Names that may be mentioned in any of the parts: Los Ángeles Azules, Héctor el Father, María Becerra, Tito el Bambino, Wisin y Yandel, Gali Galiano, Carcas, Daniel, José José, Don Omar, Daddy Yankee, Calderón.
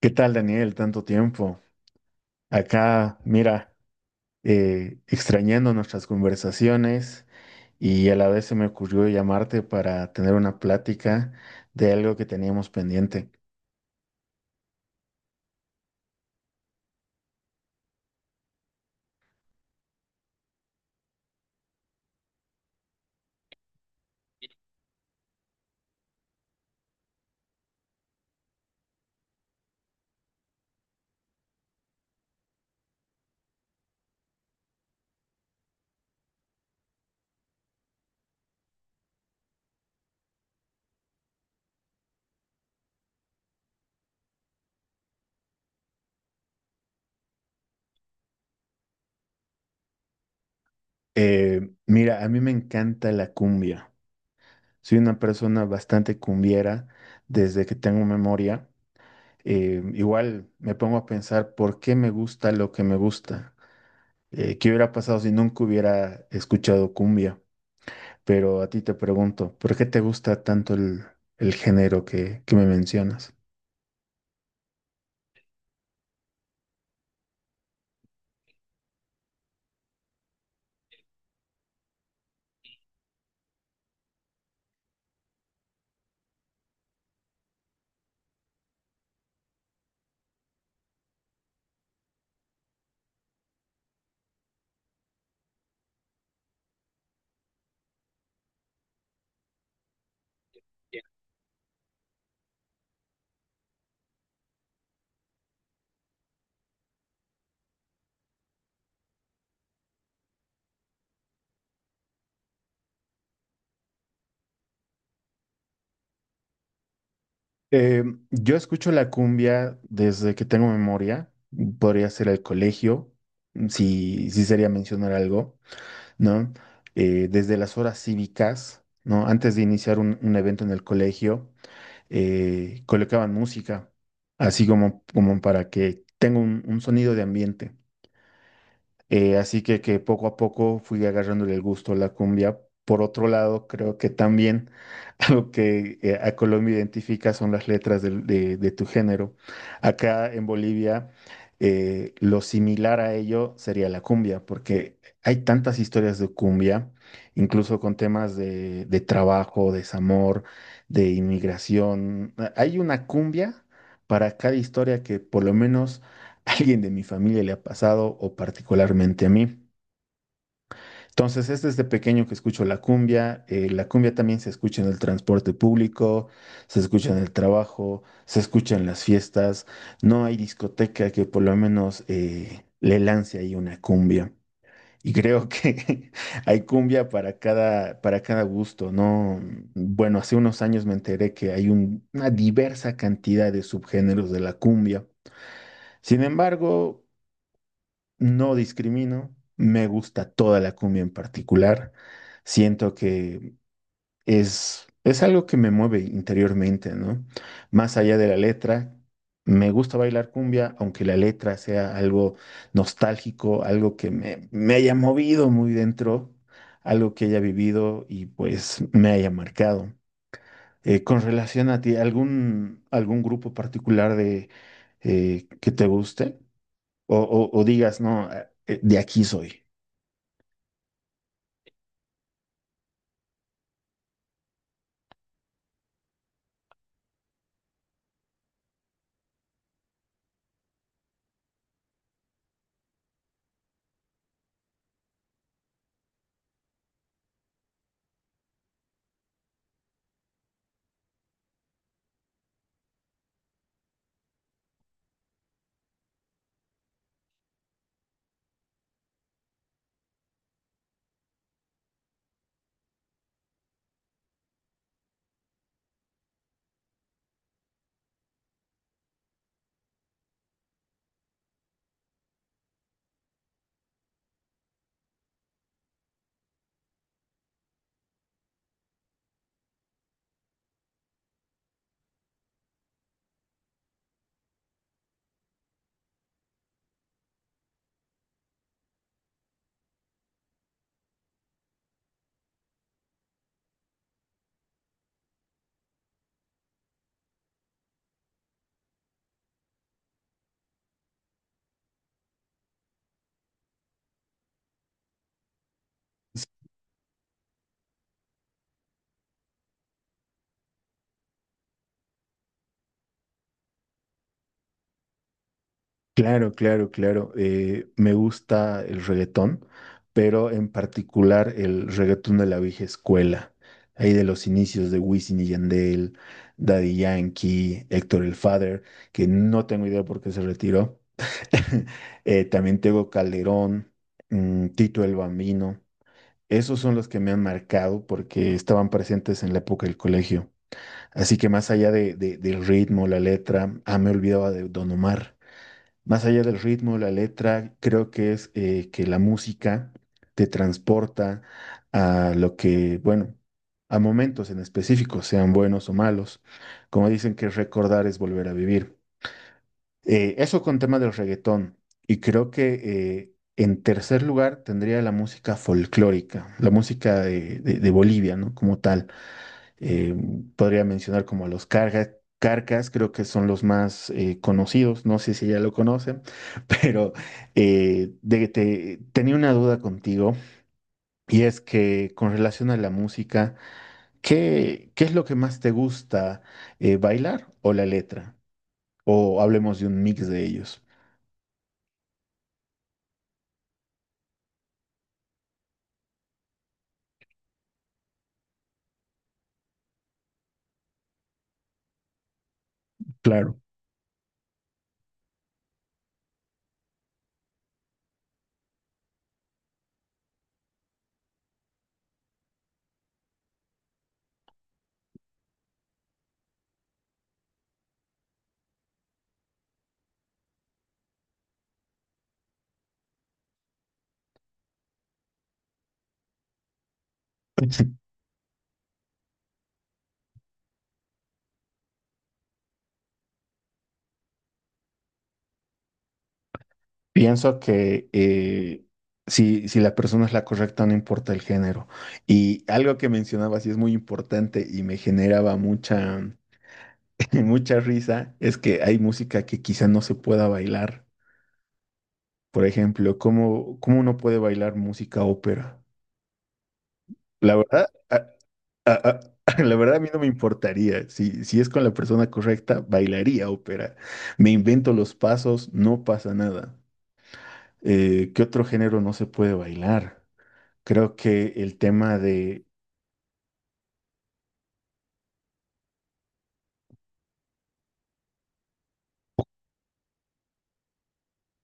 ¿Qué tal, Daniel? Tanto tiempo. Acá, mira, extrañando nuestras conversaciones y a la vez se me ocurrió llamarte para tener una plática de algo que teníamos pendiente. Mira, a mí me encanta la cumbia. Soy una persona bastante cumbiera desde que tengo memoria. Igual me pongo a pensar por qué me gusta lo que me gusta. ¿Qué hubiera pasado si nunca hubiera escuchado cumbia? Pero a ti te pregunto, ¿por qué te gusta tanto el género que me mencionas? Eh, yo escucho la cumbia desde que tengo memoria, podría ser el colegio, si sería mencionar algo, ¿no? Desde las horas cívicas, ¿no? Antes de iniciar un evento en el colegio, colocaban música, así como, como para que tenga un sonido de ambiente. Así que poco a poco fui agarrándole el gusto a la cumbia. Por otro lado, creo que también algo que a Colombia identifica son las letras de tu género. Acá en Bolivia, lo similar a ello sería la cumbia, porque hay tantas historias de cumbia, incluso con temas de trabajo, desamor, de inmigración. Hay una cumbia para cada historia que por lo menos a alguien de mi familia le ha pasado o particularmente a mí. Entonces, es desde pequeño que escucho la cumbia. La cumbia también se escucha en el transporte público, se escucha en el trabajo, se escucha en las fiestas. No hay discoteca que por lo menos le lance ahí una cumbia. Y creo que hay cumbia para cada gusto, ¿no? Bueno, hace unos años me enteré que hay una diversa cantidad de subgéneros de la cumbia. Sin embargo, no discrimino, me gusta toda la cumbia en particular. Siento que es algo que me mueve interiormente, ¿no? Más allá de la letra, me gusta bailar cumbia, aunque la letra sea algo nostálgico, algo que me haya movido muy dentro, algo que haya vivido y pues me haya marcado. Con relación a ti, ¿algún, algún grupo particular de, que te guste? O digas, no, de aquí soy. Claro, claro, claro. Me gusta el reggaetón, pero en particular el reggaetón de la vieja escuela, ahí de los inicios de Wisin y Yandel, Daddy Yankee, Héctor el Father, que no tengo idea por qué se retiró. También tengo Calderón, mm, Tito el Bambino. Esos son los que me han marcado porque estaban presentes en la época del colegio. Así que más allá del ritmo, la letra, ah, me olvidaba de Don Omar. Más allá del ritmo, la letra, creo que es que la música te transporta a lo que, bueno, a momentos en específico, sean buenos o malos. Como dicen que recordar es volver a vivir. Eso con tema del reggaetón. Y creo que en tercer lugar tendría la música folclórica, la música de Bolivia, ¿no? Como tal. Eh, Podría mencionar como a los cargas, Carcas, creo que son los más conocidos, no sé si ya lo conocen, pero tenía una duda contigo y es que con relación a la música, ¿qué, qué es lo que más te gusta, bailar o la letra? O hablemos de un mix de ellos. Claro. Pienso que si, si la persona es la correcta, no importa el género. Y algo que mencionabas y es muy importante y me generaba mucha risa, es que hay música que quizá no se pueda bailar. Por ejemplo, ¿cómo, cómo uno puede bailar música ópera? La verdad, a- la verdad a mí no me importaría. Si, si es con la persona correcta, bailaría ópera. Me invento los pasos, no pasa nada. ¿Qué otro género no se puede bailar? Creo que el tema de,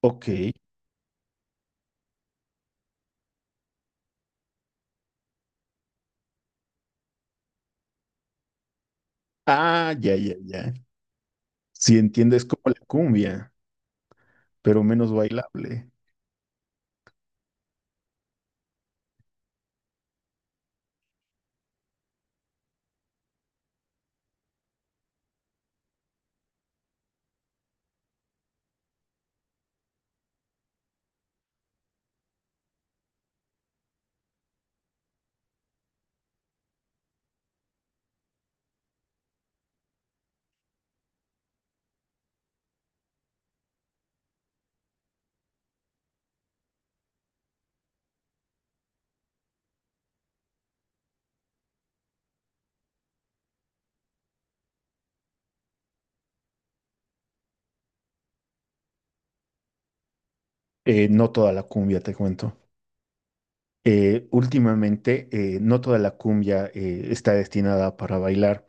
ok, ah, ya, ya, ya. Si entiendes como la cumbia, pero menos bailable. No toda la cumbia, te cuento. Últimamente, no toda la cumbia está destinada para bailar.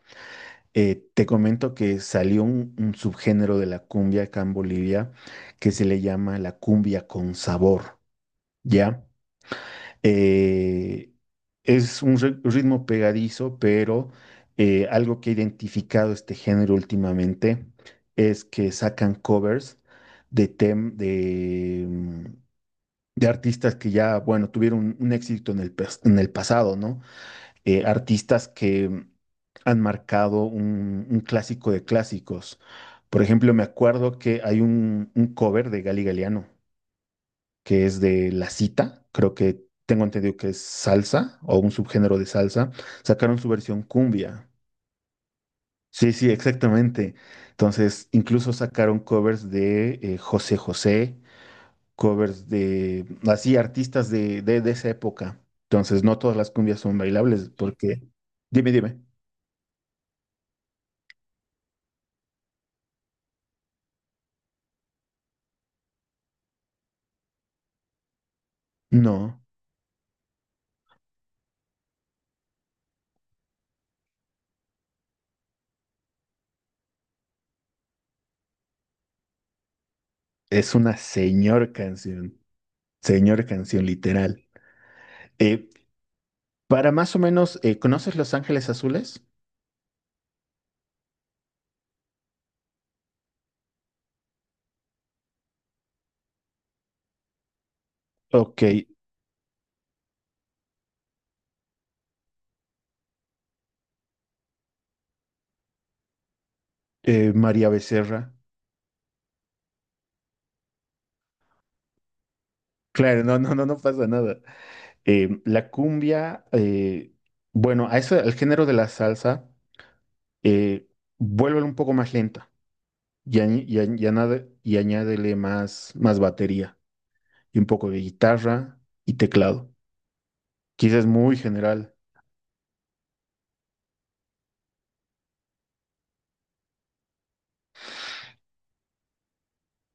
Te comento que salió un subgénero de la cumbia acá en Bolivia que se le llama la cumbia con sabor, ¿ya? Eh, es un ritmo pegadizo, pero algo que ha identificado este género últimamente es que sacan covers de, tem- de, mm, de artistas que ya, bueno, tuvieron un éxito en el, en el pasado, ¿no? Artistas que mm, han marcado un clásico de clásicos. Por ejemplo, me acuerdo que hay un cover de Gali Galiano que es de la cita, creo que tengo entendido que es salsa o un subgénero de salsa, sacaron su versión cumbia. Sí, sí, exactamente. Entonces, incluso sacaron covers de José José, covers de, así, artistas de esa época. Entonces, no todas las cumbias son bailables porque, dime, dime, no, es una señor canción literal. Eh, para más o menos, ¿conoces Los Ángeles Azules? Ok, María Becerra. Claro, no, no, no, no pasa nada. La cumbia, bueno, a eso, al género de la salsa, eh, vuélvelo un poco más lenta y, añádele más, más batería y un poco de guitarra y teclado. Quizás es muy general.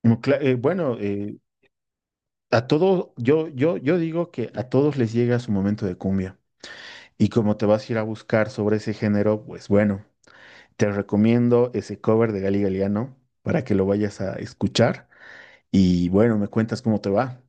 Mm, bueno, a todos, yo digo que a todos les llega su momento de cumbia. Y como te vas a ir a buscar sobre ese género, pues bueno. Te recomiendo ese cover de Gali Galiano para que lo vayas a escuchar y bueno, me cuentas cómo te va.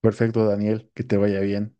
Perfecto, Daniel, que te vaya bien.